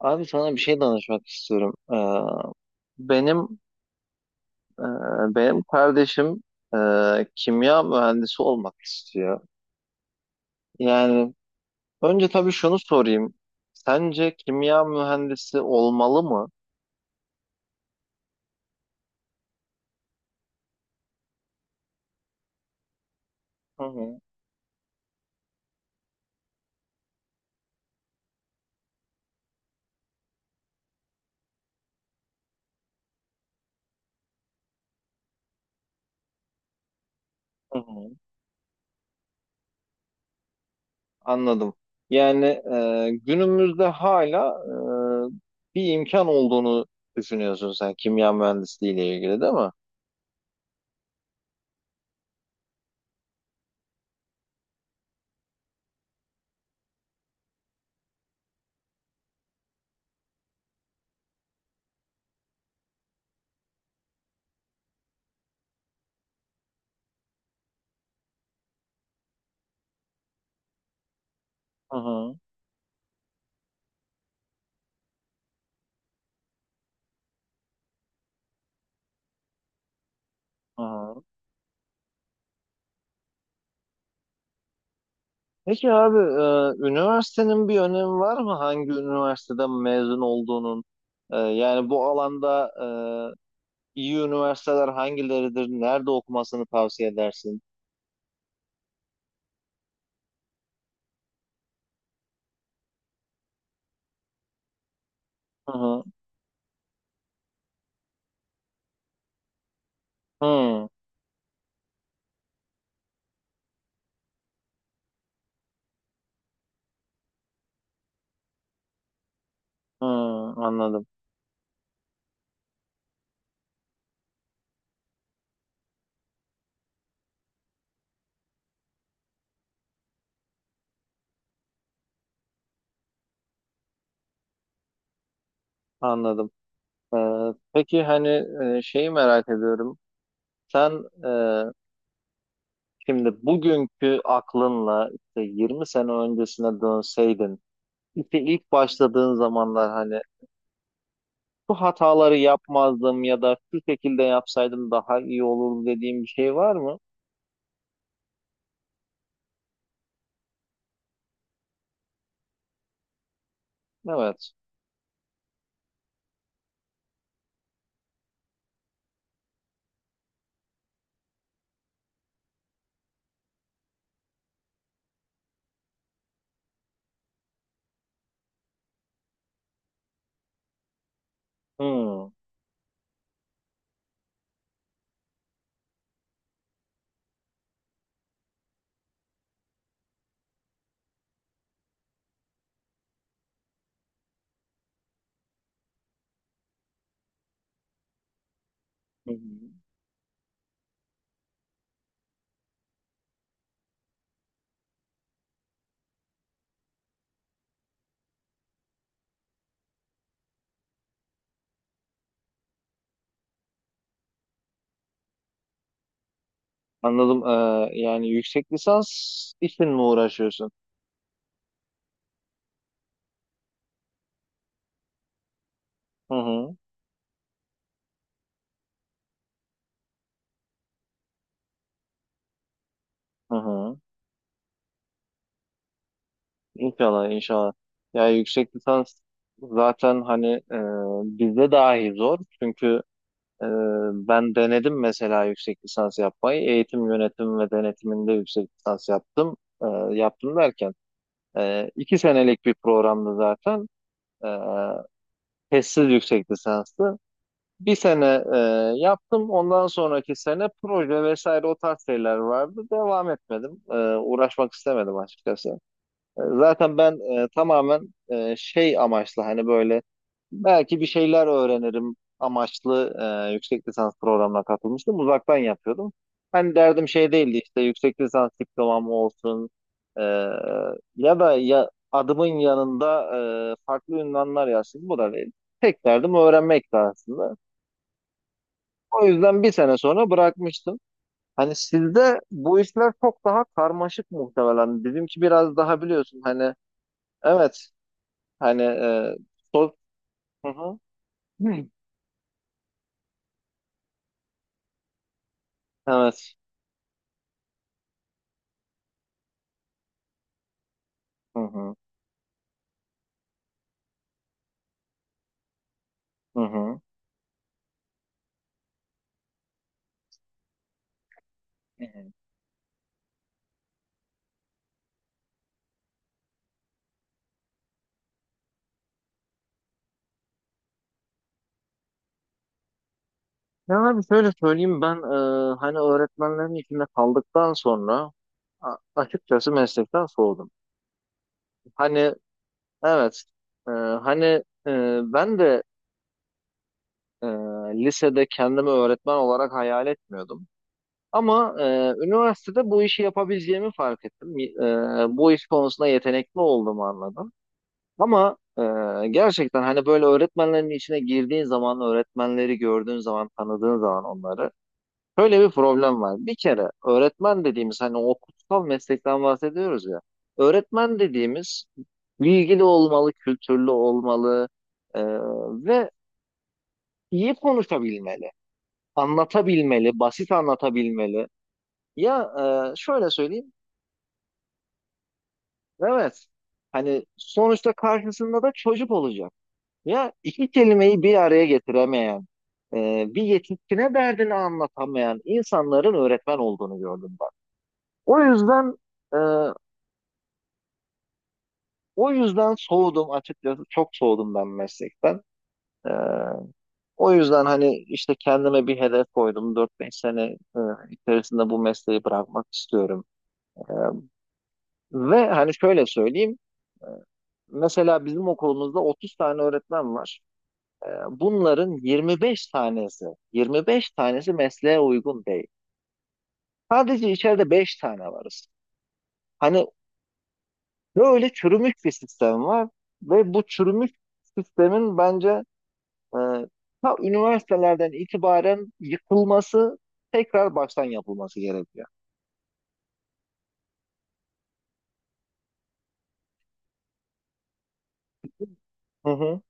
Abi sana bir şey danışmak istiyorum. Benim e, benim kardeşim kimya mühendisi olmak istiyor. Yani önce tabii şunu sorayım. Sence kimya mühendisi olmalı mı? Hı hı, hı hı. Anladım. Yani günümüzde hala bir imkan olduğunu düşünüyorsun sen kimya mühendisliği ile ilgili değil mi? Hı hı, hı hı. Peki abi üniversitenin bir önemi var mı? Hangi üniversiteden mezun olduğunun? Yani bu alanda e, iyi üniversiteler hangileridir? Nerede okumasını tavsiye edersin? Hı hı. Hı, hı, anladım, anladım. E, peki hani şeyi merak ediyorum. Sen şimdi bugünkü aklınla işte 20 sene öncesine dönseydin, işte ilk başladığın zamanlar hani şu hataları yapmazdım ya da şu şekilde yapsaydım daha iyi olur dediğim bir şey var mı? Evet. Hmm. Hı hı. Anladım. Yani yüksek lisans için mi uğraşıyorsun? Hı hı. Hı hı. İnşallah, inşallah. Ya yüksek lisans zaten hani e, bizde dahi zor. Çünkü e, ben denedim mesela yüksek lisans yapmayı. Eğitim yönetimi ve denetiminde yüksek lisans yaptım. E, yaptım derken. 2 senelik bir programdı zaten. E, testsiz yüksek lisansı. Bir sene yaptım. Ondan sonraki sene proje vesaire o tarz şeyler vardı. Devam etmedim. Uğraşmak istemedim açıkçası. Zaten ben tamamen şey amaçlı hani böyle belki bir şeyler öğrenirim amaçlı yüksek lisans programına katılmıştım. Uzaktan yapıyordum. Hani derdim şey değildi işte yüksek lisans diplomam olsun e, ya da ya adımın yanında farklı ünvanlar yazsın bu da değil. Tek derdim öğrenmekti aslında. O yüzden bir sene sonra bırakmıştım. Hani sizde bu işler çok daha karmaşık muhtemelen. Bizimki biraz daha biliyorsun hani. Evet. Hani sol... Hı hı. Hı. Evet. Hı hı. Hı hı. Hı hı. Ya abi şöyle söyleyeyim ben hani öğretmenlerin içinde kaldıktan sonra açıkçası meslekten soğudum. Hani evet hani ben de e, lisede kendimi öğretmen olarak hayal etmiyordum. Ama üniversitede bu işi yapabileceğimi fark ettim. Bu iş konusunda yetenekli olduğumu anladım. Ama gerçekten hani böyle öğretmenlerin içine girdiğin zaman, öğretmenleri gördüğün zaman, tanıdığın zaman onları şöyle bir problem var. Bir kere öğretmen dediğimiz hani o kutsal meslekten bahsediyoruz ya. Öğretmen dediğimiz bilgili olmalı, kültürlü olmalı e, ve iyi konuşabilmeli, anlatabilmeli, basit anlatabilmeli. Ya şöyle söyleyeyim, evet, hani sonuçta karşısında da çocuk olacak. Ya iki kelimeyi bir araya getiremeyen, bir yetişkine derdini anlatamayan insanların öğretmen olduğunu gördüm ben. O yüzden e, o yüzden soğudum açıkçası. Çok soğudum ben meslekten. E, o yüzden hani işte kendime bir hedef koydum. 4-5 sene e, içerisinde bu mesleği bırakmak istiyorum. E, ve hani şöyle söyleyeyim. e, Mesela bizim okulumuzda 30 tane öğretmen var. Bunların 25 tanesi, 25 tanesi mesleğe uygun değil. Sadece içeride 5 tane varız. Hani böyle çürümüş bir sistem var ve bu çürümüş sistemin bence e, ta üniversitelerden itibaren yıkılması, tekrar baştan yapılması gerekiyor. Hı hı.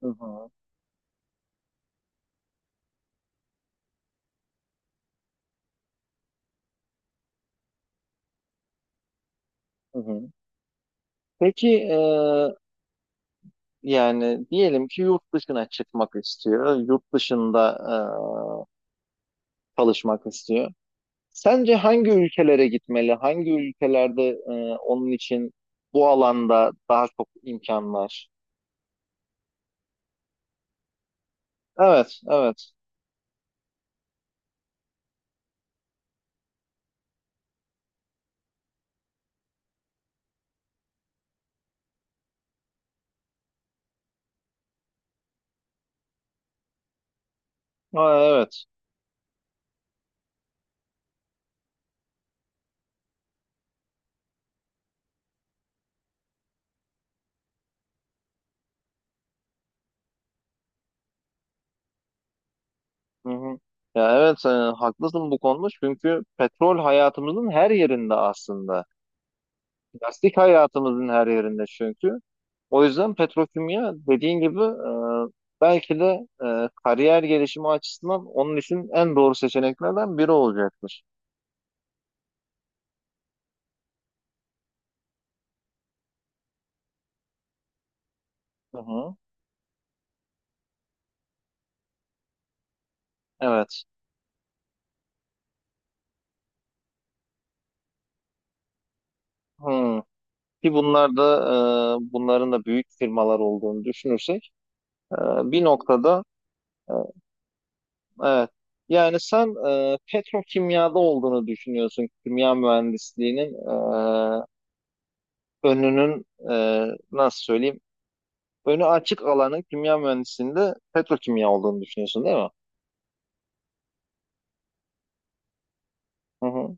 Hı hı, hı hı. Peki yani diyelim ki yurt dışına çıkmak istiyor, yurt dışında çalışmak istiyor. Sence hangi ülkelere gitmeli? Hangi ülkelerde onun için bu alanda daha çok imkan var? Evet, evet. Ha, evet. Hı hı. Ya evet, haklısın bu konuda çünkü petrol hayatımızın her yerinde aslında. Plastik hayatımızın her yerinde çünkü. O yüzden petrokimya dediğin gibi belki de kariyer gelişimi açısından onun için en doğru seçeneklerden biri olacaktır. Hı hı. Evet. Hı. Ki bunlar da bunların da büyük firmalar olduğunu düşünürsek e, bir noktada e, evet. Yani sen petrokimyada olduğunu düşünüyorsun kimya mühendisliğinin önünün nasıl söyleyeyim önü açık alanın kimya mühendisliğinde petrokimya olduğunu düşünüyorsun değil mi? Hı hı.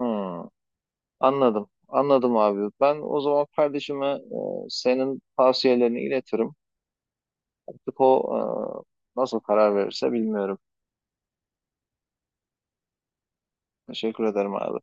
Hı. Anladım. Anladım abi. Ben o zaman kardeşime senin tavsiyelerini iletirim. Artık o nasıl karar verirse bilmiyorum. Teşekkür ederim abi.